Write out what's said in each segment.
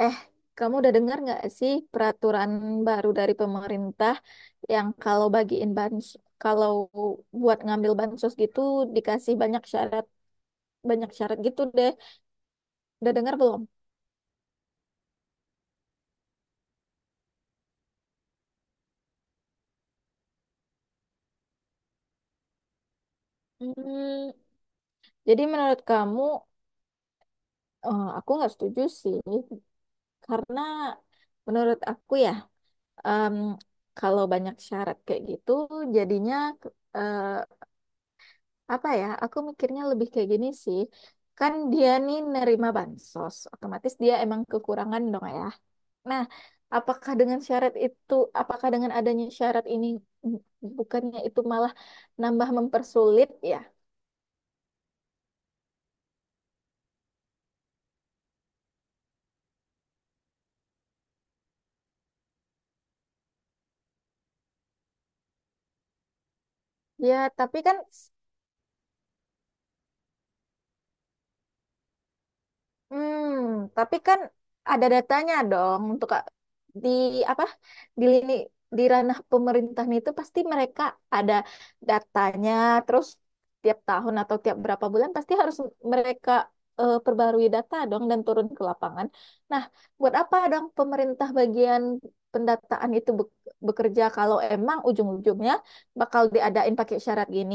Eh, kamu udah dengar nggak sih peraturan baru dari pemerintah yang kalau buat ngambil bansos gitu dikasih banyak syarat gitu deh. Udah dengar belum? Hmm, Jadi menurut kamu, aku nggak setuju sih, karena menurut aku ya, em, kalau banyak syarat kayak gitu, jadinya eh, apa ya, aku mikirnya lebih kayak gini sih. Kan dia nih nerima bansos, otomatis dia emang kekurangan dong ya. Nah, apakah dengan syarat itu apakah dengan adanya syarat ini, mm, bukannya itu malah nambah mempersulit ya? Ya, tapi kan. Hmm, tapi kan ada datanya dong, untuk Kak- di apa di lini di ranah pemerintahan itu pasti mereka ada datanya. Terus tiap tahun atau tiap berapa bulan pasti harus mereka perbarui data dong, dan turun ke lapangan. Nah, buat apa dong pemerintah bagian pendataan itu bekerja kalau emang ujung-ujungnya bakal diadain pakai syarat gini?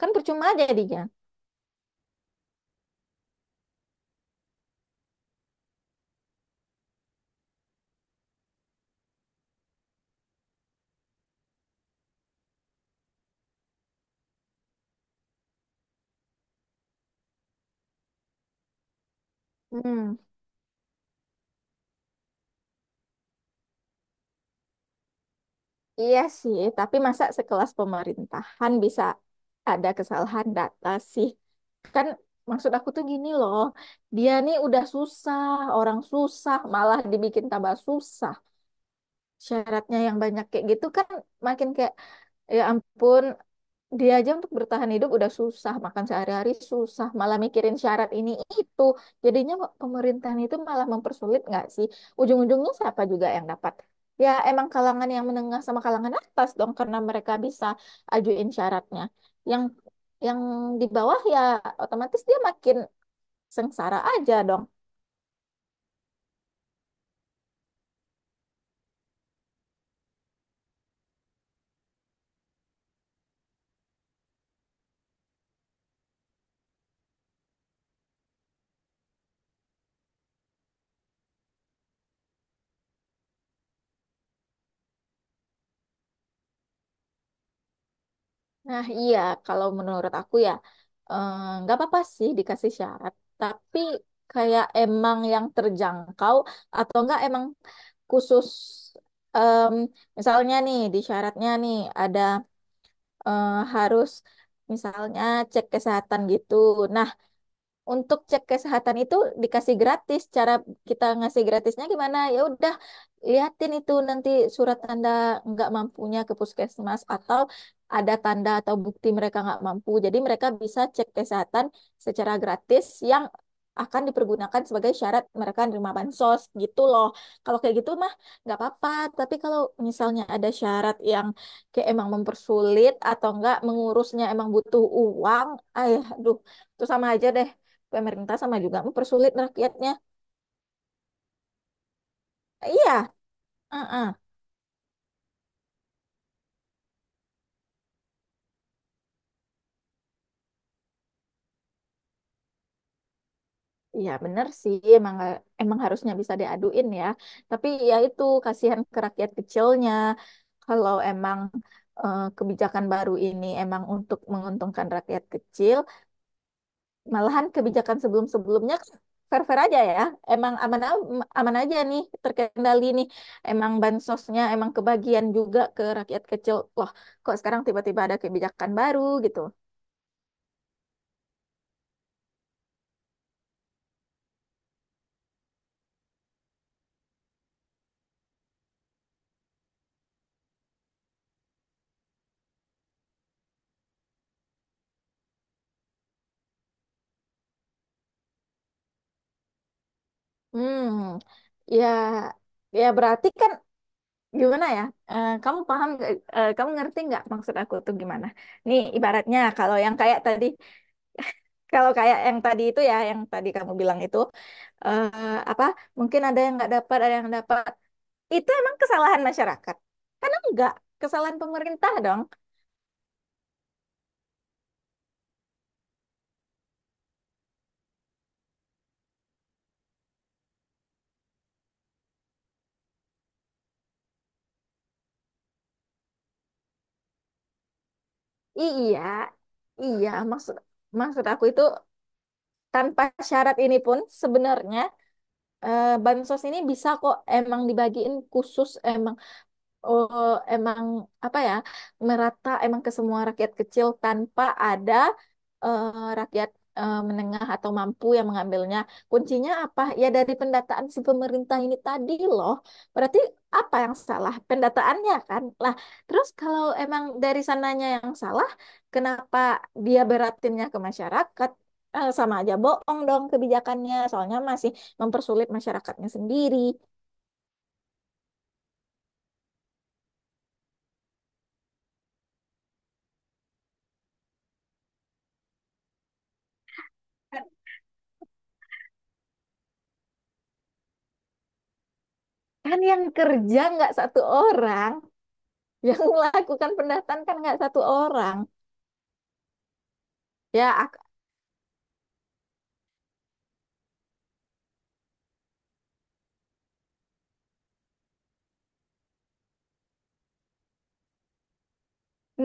Kan percuma jadinya. Hmm. Iya sih, tapi masa sekelas pemerintahan bisa ada kesalahan data sih? Kan maksud aku tuh gini loh, dia nih udah susah, orang susah, malah dibikin tambah susah. Syaratnya yang banyak kayak gitu kan makin kayak, ya ampun, dia aja untuk bertahan hidup udah susah, makan sehari-hari susah, malah mikirin syarat ini itu. Jadinya pemerintahan itu malah mempersulit nggak sih? Ujung-ujungnya siapa juga yang dapat? Ya emang kalangan yang menengah sama kalangan atas dong, karena mereka bisa ajuin syaratnya. Yang yang di bawah ya otomatis dia makin sengsara aja dong. Nah, iya, kalau menurut aku ya, nggak apa-apa sih dikasih syarat, tapi kayak emang yang terjangkau, atau enggak emang khusus, em, misalnya nih, di syaratnya nih ada, harus misalnya cek kesehatan gitu. Nah, untuk cek kesehatan itu dikasih gratis. Cara kita ngasih gratisnya gimana? Ya udah, liatin itu nanti surat tanda nggak mampunya ke puskesmas, atau ada tanda atau bukti mereka nggak mampu. Jadi mereka bisa cek kesehatan secara gratis yang akan dipergunakan sebagai syarat mereka menerima bansos gitu loh. Kalau kayak gitu mah nggak apa-apa. Tapi kalau misalnya ada syarat yang kayak emang mempersulit, atau enggak mengurusnya emang butuh uang, ayah, aduh, itu sama aja deh, pemerintah sama juga mempersulit rakyatnya. Iya, uh-uh. Iya bener sih, emang emang harusnya bisa diaduin ya. Tapi ya itu kasihan ke rakyat kecilnya. Kalau emang kebijakan baru ini emang untuk menguntungkan rakyat kecil, malahan kebijakan sebelum-sebelumnya fair-fair aja ya. Emang aman aman aja nih, terkendali nih. Emang bansosnya emang kebagian juga ke rakyat kecil. Wah, kok sekarang tiba-tiba ada kebijakan baru gitu. Hmm, ya, ya berarti kan, gimana ya? Eh, kamu paham, nggak- kamu ngerti nggak maksud aku tuh gimana? Nih ibaratnya kalau yang kayak tadi, kalau kayak yang tadi itu ya, yang tadi kamu bilang itu, eh, apa? Mungkin ada yang nggak dapat, ada yang dapat. Itu emang kesalahan masyarakat? Karena enggak, kesalahan pemerintah dong. Iya, iya. Maksud maksud aku itu tanpa syarat ini pun sebenarnya, bansos ini bisa kok emang dibagiin khusus, oh, emang apa ya, merata emang ke semua rakyat kecil tanpa ada eh, rakyat menengah atau mampu yang mengambilnya. Kuncinya apa? Ya dari pendataan si pemerintah ini tadi loh. Berarti apa yang salah? Pendataannya kan. Lah, terus kalau emang dari sananya yang salah, kenapa dia beratinnya ke masyarakat? Eh, sama aja bohong dong kebijakannya. Soalnya masih mempersulit masyarakatnya sendiri. Kan yang kerja nggak satu orang. Yang melakukan pendataan kan nggak satu orang. ya ak-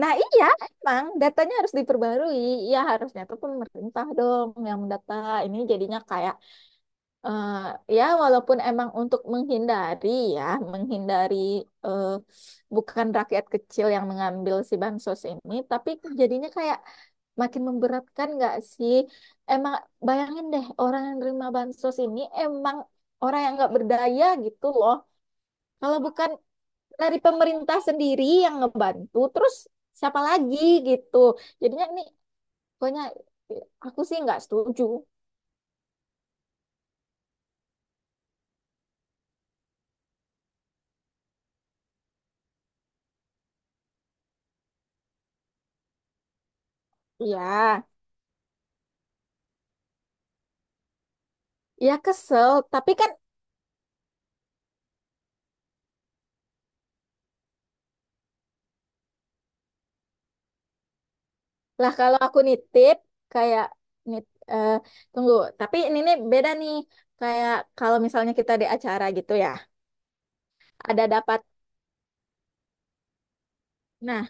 nah, iya, emang datanya harus diperbarui. Ya harusnya tuh pemerintah dong yang mendata. Ini jadinya kayak, eh, ya walaupun emang untuk menghindari, ya menghindari, eh, bukan rakyat kecil yang mengambil si bansos ini, tapi jadinya kayak makin memberatkan nggak sih? Emang, bayangin deh, orang yang nerima bansos ini emang orang yang nggak berdaya gitu loh. Kalau bukan dari pemerintah sendiri yang ngebantu, terus siapa lagi gitu? Jadinya ini, pokoknya aku sih nggak setuju. Ya, ya kesel, tapi kan. Lah, kalau aku nitip, kayak nit eh, tunggu, tapi ini nih beda nih, kayak kalau misalnya kita di acara gitu ya, ada dapat. Nah,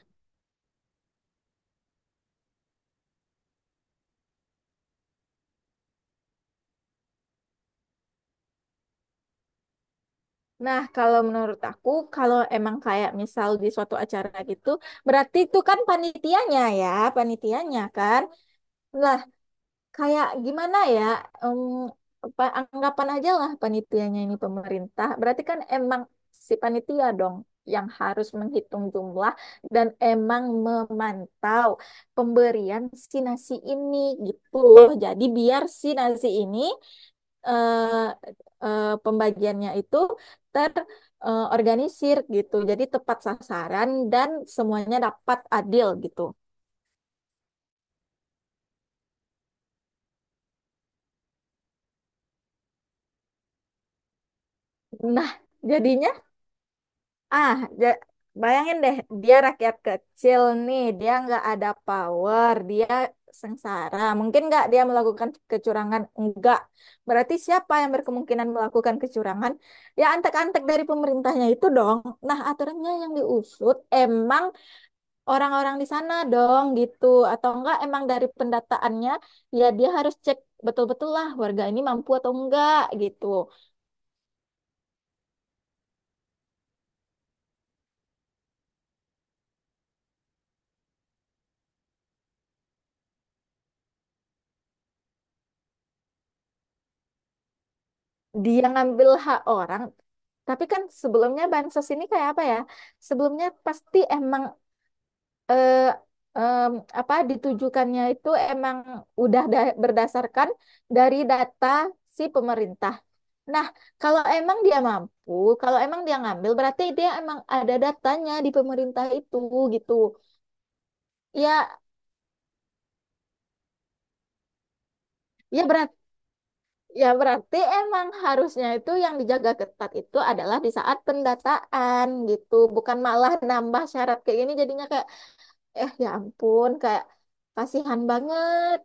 nah, kalau menurut aku, kalau emang kayak misal di suatu acara gitu, berarti itu kan panitianya ya, panitianya kan. Nah, kayak gimana ya, em, anggapan aja lah panitianya ini pemerintah, berarti kan emang si panitia dong yang harus menghitung jumlah dan emang memantau pemberian si nasi ini, gitu loh. Jadi biar si nasi ini, eh, pembagiannya itu terorganisir gitu, jadi tepat sasaran dan semuanya dapat adil gitu. Nah, jadinya, Ah, ja- bayangin deh, dia rakyat kecil nih, dia nggak ada power, dia sengsara. Mungkin nggak dia melakukan kecurangan? Enggak. Berarti siapa yang berkemungkinan melakukan kecurangan? Ya antek-antek dari pemerintahnya itu dong. Nah, aturannya yang diusut emang orang-orang di sana dong gitu. Atau enggak emang dari pendataannya, ya dia harus cek betul-betul lah warga ini mampu atau enggak gitu. Dia ngambil hak orang, tapi kan sebelumnya bansos ini kayak apa ya, sebelumnya pasti emang eh, em, apa ditujukannya itu emang udah berdasarkan dari data si pemerintah. Nah, kalau emang dia mampu, kalau emang dia ngambil, berarti dia emang ada datanya di pemerintah itu gitu. Ya, ya berarti. Ya, berarti emang harusnya itu yang dijaga ketat itu adalah di saat pendataan gitu, bukan malah nambah syarat kayak gini. Jadinya kayak, ya ampun, kayak kasihan banget.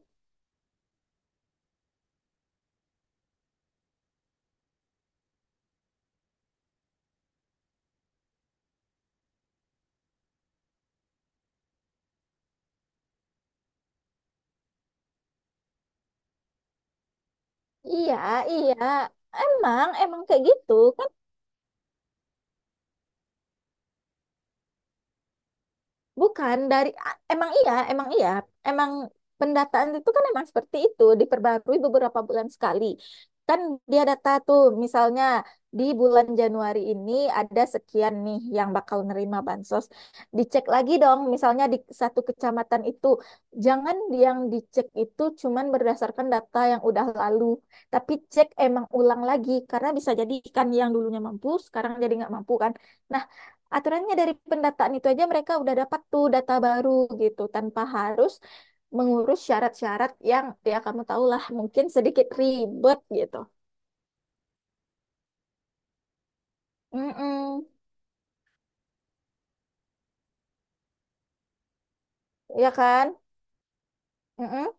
Iya, iya. Emang emang kayak gitu. Bukan emang iya, emang iya, emang pendataan itu kan emang seperti itu, diperbarui beberapa bulan sekali. Kan dia data tuh, misalnya di bulan Januari ini ada sekian nih yang bakal nerima bansos. Dicek lagi dong misalnya di satu kecamatan itu. Jangan yang dicek itu cuman berdasarkan data yang udah lalu, tapi cek emang ulang lagi, karena bisa jadi kan yang dulunya mampu sekarang jadi nggak mampu kan. Nah, aturannya dari pendataan itu aja mereka udah dapat tuh data baru gitu, tanpa harus mengurus syarat-syarat yang, ya, kamu tahulah, mungkin sedikit ribet gitu. Mm-mm. Ya kan? Mm-mm.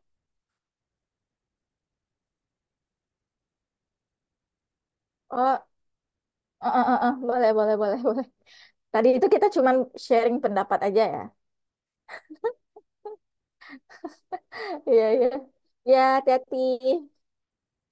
Oh, eh, eh, eh, eh. Boleh, boleh, boleh, boleh. Tadi itu kita cuman sharing pendapat aja ya. Iya, iya. Ya, hati-hati.